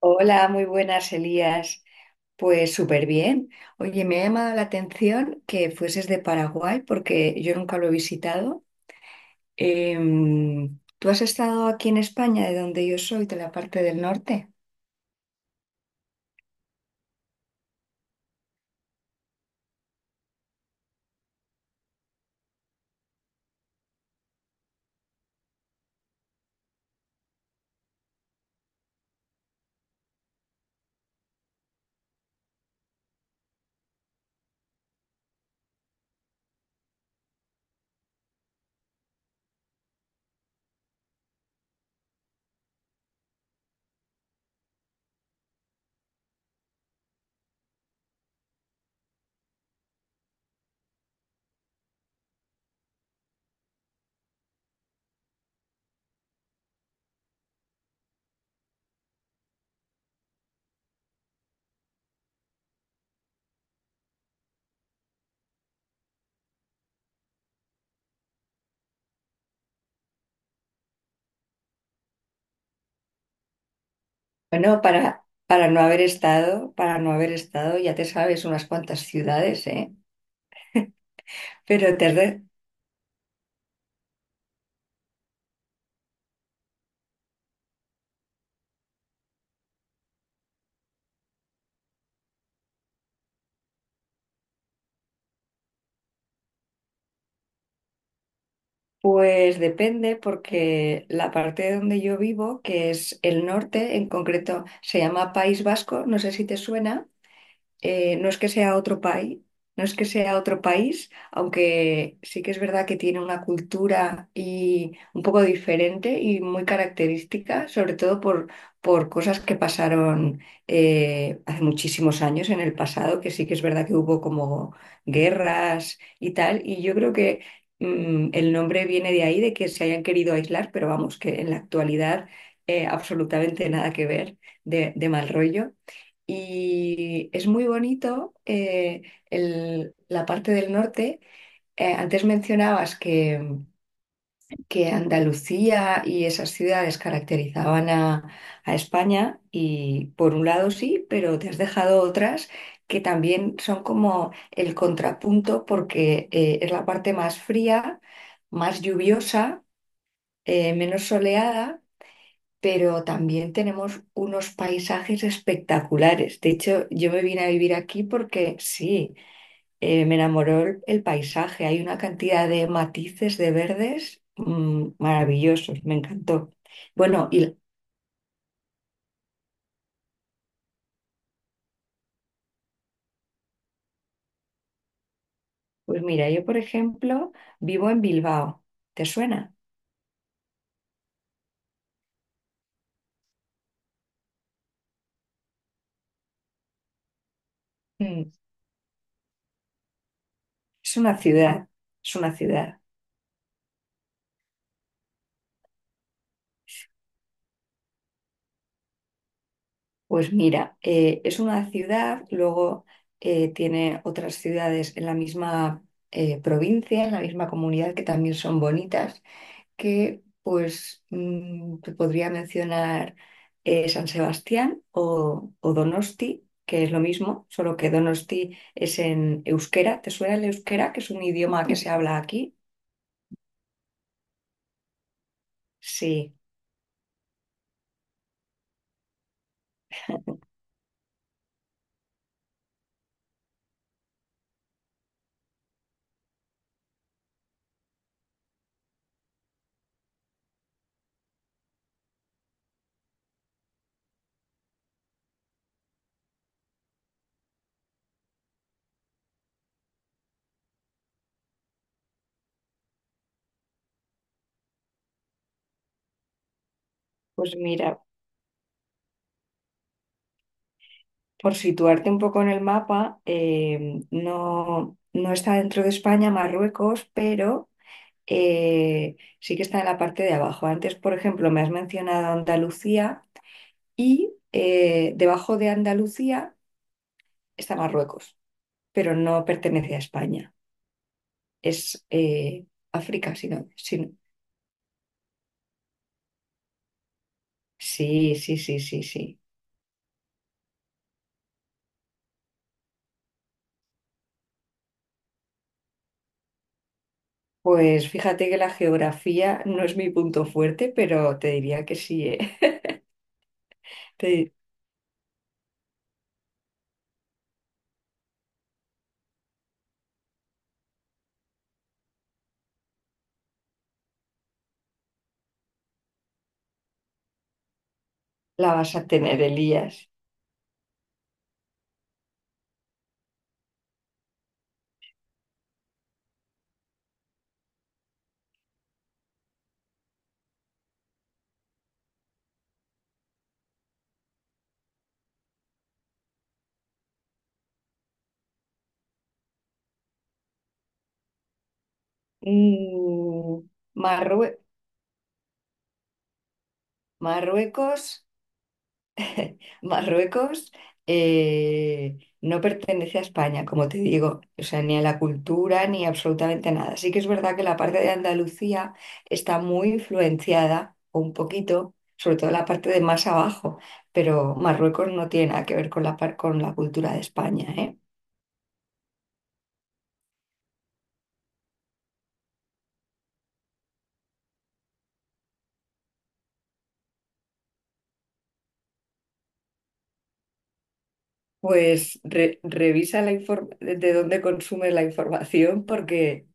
Hola, muy buenas, Elías. Pues súper bien. Oye, me ha llamado la atención que fueses de Paraguay porque yo nunca lo he visitado. ¿Tú has estado aquí en España, de donde yo soy, de la parte del norte? Bueno, para no haber estado, para no haber estado, ya te sabes unas cuantas ciudades, ¿eh? Pero te re- pues depende porque la parte de donde yo vivo, que es el norte, en concreto se llama País Vasco, no sé si te suena. No es que sea otro país, no es que sea otro país, aunque sí que es verdad que tiene una cultura y un poco diferente y muy característica, sobre todo por cosas que pasaron hace muchísimos años en el pasado, que sí que es verdad que hubo como guerras y tal, y yo creo que el nombre viene de ahí, de que se hayan querido aislar, pero vamos, que en la actualidad absolutamente nada que ver de mal rollo. Y es muy bonito, la parte del norte. Antes mencionabas que Andalucía y esas ciudades caracterizaban a España y por un lado sí, pero te has dejado otras que también son como el contrapunto porque es la parte más fría, más lluviosa, menos soleada, pero también tenemos unos paisajes espectaculares. De hecho, yo me vine a vivir aquí porque sí, me enamoró el paisaje. Hay una cantidad de matices de verdes maravillosos, me encantó. Bueno, y pues mira, yo por ejemplo vivo en Bilbao. ¿Te suena? Mm, Es una ciudad, es una ciudad. Pues mira, es una ciudad, luego tiene otras ciudades en la misma provincia, en la misma comunidad que también son bonitas, que pues te podría mencionar San Sebastián o Donosti, que es lo mismo, solo que Donosti es en euskera. ¿Te suena el euskera, que es un idioma que se habla aquí? Sí, pues mira. Por situarte un poco en el mapa, no, no está dentro de España, Marruecos, pero sí que está en la parte de abajo. Antes, por ejemplo, me has mencionado Andalucía y, debajo de Andalucía está Marruecos, pero no pertenece a España. Es África, sí, sí, sí, sí, sí. Pues fíjate que la geografía no es mi punto fuerte, pero te diría que sí, ¿eh? Te- la vas a tener, Elías. Mm, Marrue- Marruecos, Marruecos no pertenece a España, como te digo, o sea, ni a la cultura ni absolutamente nada. Sí que es verdad que la parte de Andalucía está muy influenciada, un poquito, sobre todo la parte de más abajo, pero Marruecos no tiene nada que ver con la, con la cultura de España, ¿eh? Pues revisa la de dónde consumes la información porque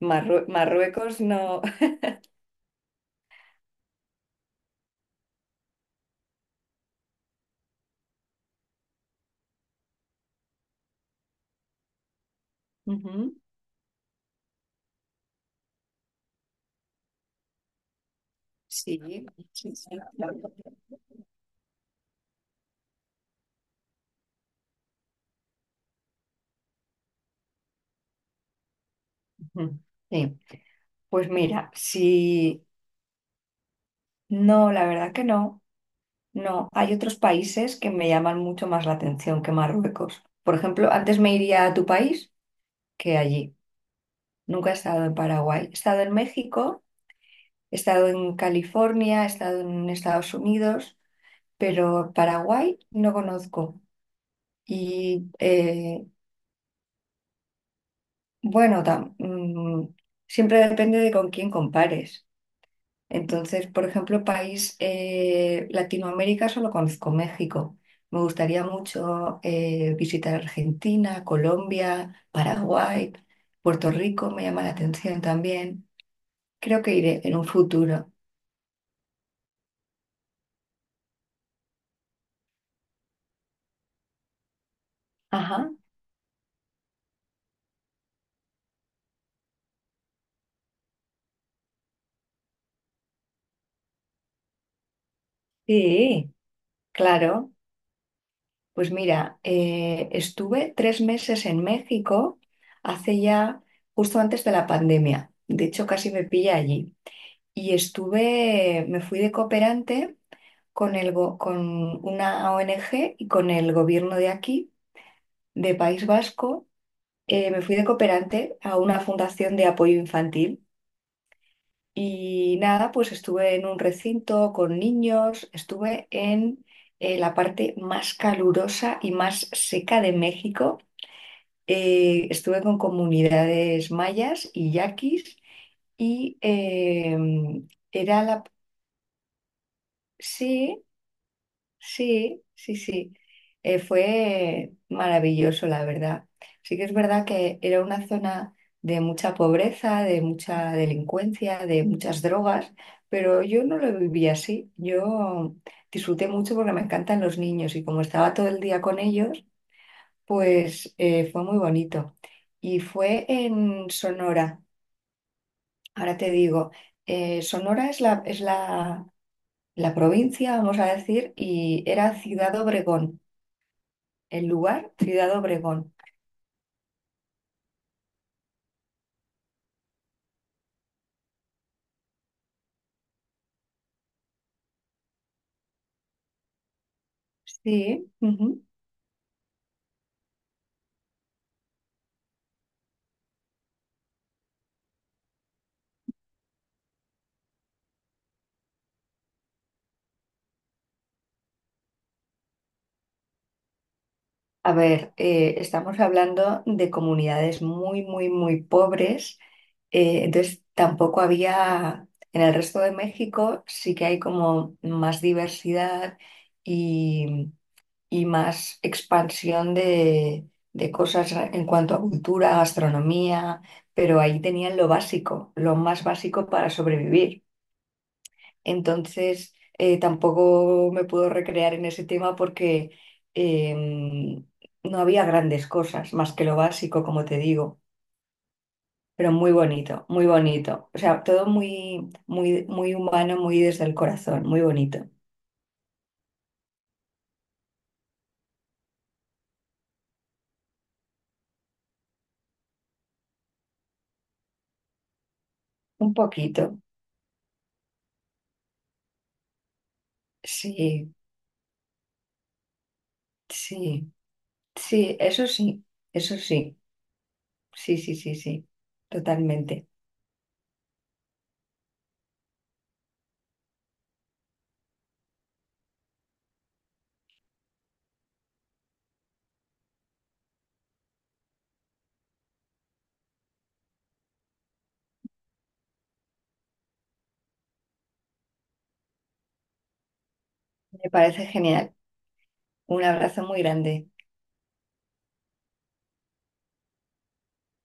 Marruecos no... Ujú. Sí, sí, sí, claro. Ujú. Sí. Pues mira, si no, la verdad que no, no. Hay otros países que me llaman mucho más la atención que Marruecos. Por ejemplo, antes me iría a tu país que allí. Nunca he estado en Paraguay. He estado en México, he estado en California, he estado en Estados Unidos, pero Paraguay no conozco. Y bueno, tam- mm, siempre depende de con quién compares. Entonces, por ejemplo, país, Latinoamérica solo conozco México. Me gustaría mucho visitar Argentina, Colombia, Paraguay, Puerto Rico me llama la atención también. Creo que iré en un futuro. Ajá, sí, claro. Pues mira, estuve tres meses en México hace ya, justo antes de la pandemia. De hecho, casi me pilla allí. Y estuve, me fui de cooperante con el con una ONG y con el gobierno de aquí, de País Vasco. Me fui de cooperante a una fundación de apoyo infantil y nada, pues estuve en un recinto con niños, estuve en, la parte más calurosa y más seca de México. Estuve con comunidades mayas y yaquis y era la... Sí, sí, sí, sí. Fue maravilloso, la verdad. Sí que es verdad que era una zona de mucha pobreza, de mucha delincuencia, de muchas drogas, pero yo no lo viví así. Yo disfruté mucho porque me encantan los niños y como estaba todo el día con ellos, pues fue muy bonito. Y fue en Sonora, ahora te digo, Sonora es la, la provincia, vamos a decir, y era Ciudad Obregón. El lugar, Ciudad Obregón. Sí, ujú. A ver, estamos hablando de comunidades muy, muy, muy pobres. Entonces, tampoco había, en el resto de México sí que hay como más diversidad y, y más expansión de cosas en cuanto a cultura, gastronomía, pero ahí tenían lo básico, lo más básico para sobrevivir. Entonces, tampoco me puedo recrear en ese tema porque em, no había grandes cosas, más que lo básico, como te digo, pero muy bonito, muy bonito. O sea, todo muy, muy, muy humano, muy desde el corazón, muy bonito. Un poquito, sí, sí, sí, eso sí, eso sí, sí, sí, sí, sí, totalmente. Me parece genial. Un abrazo muy grande.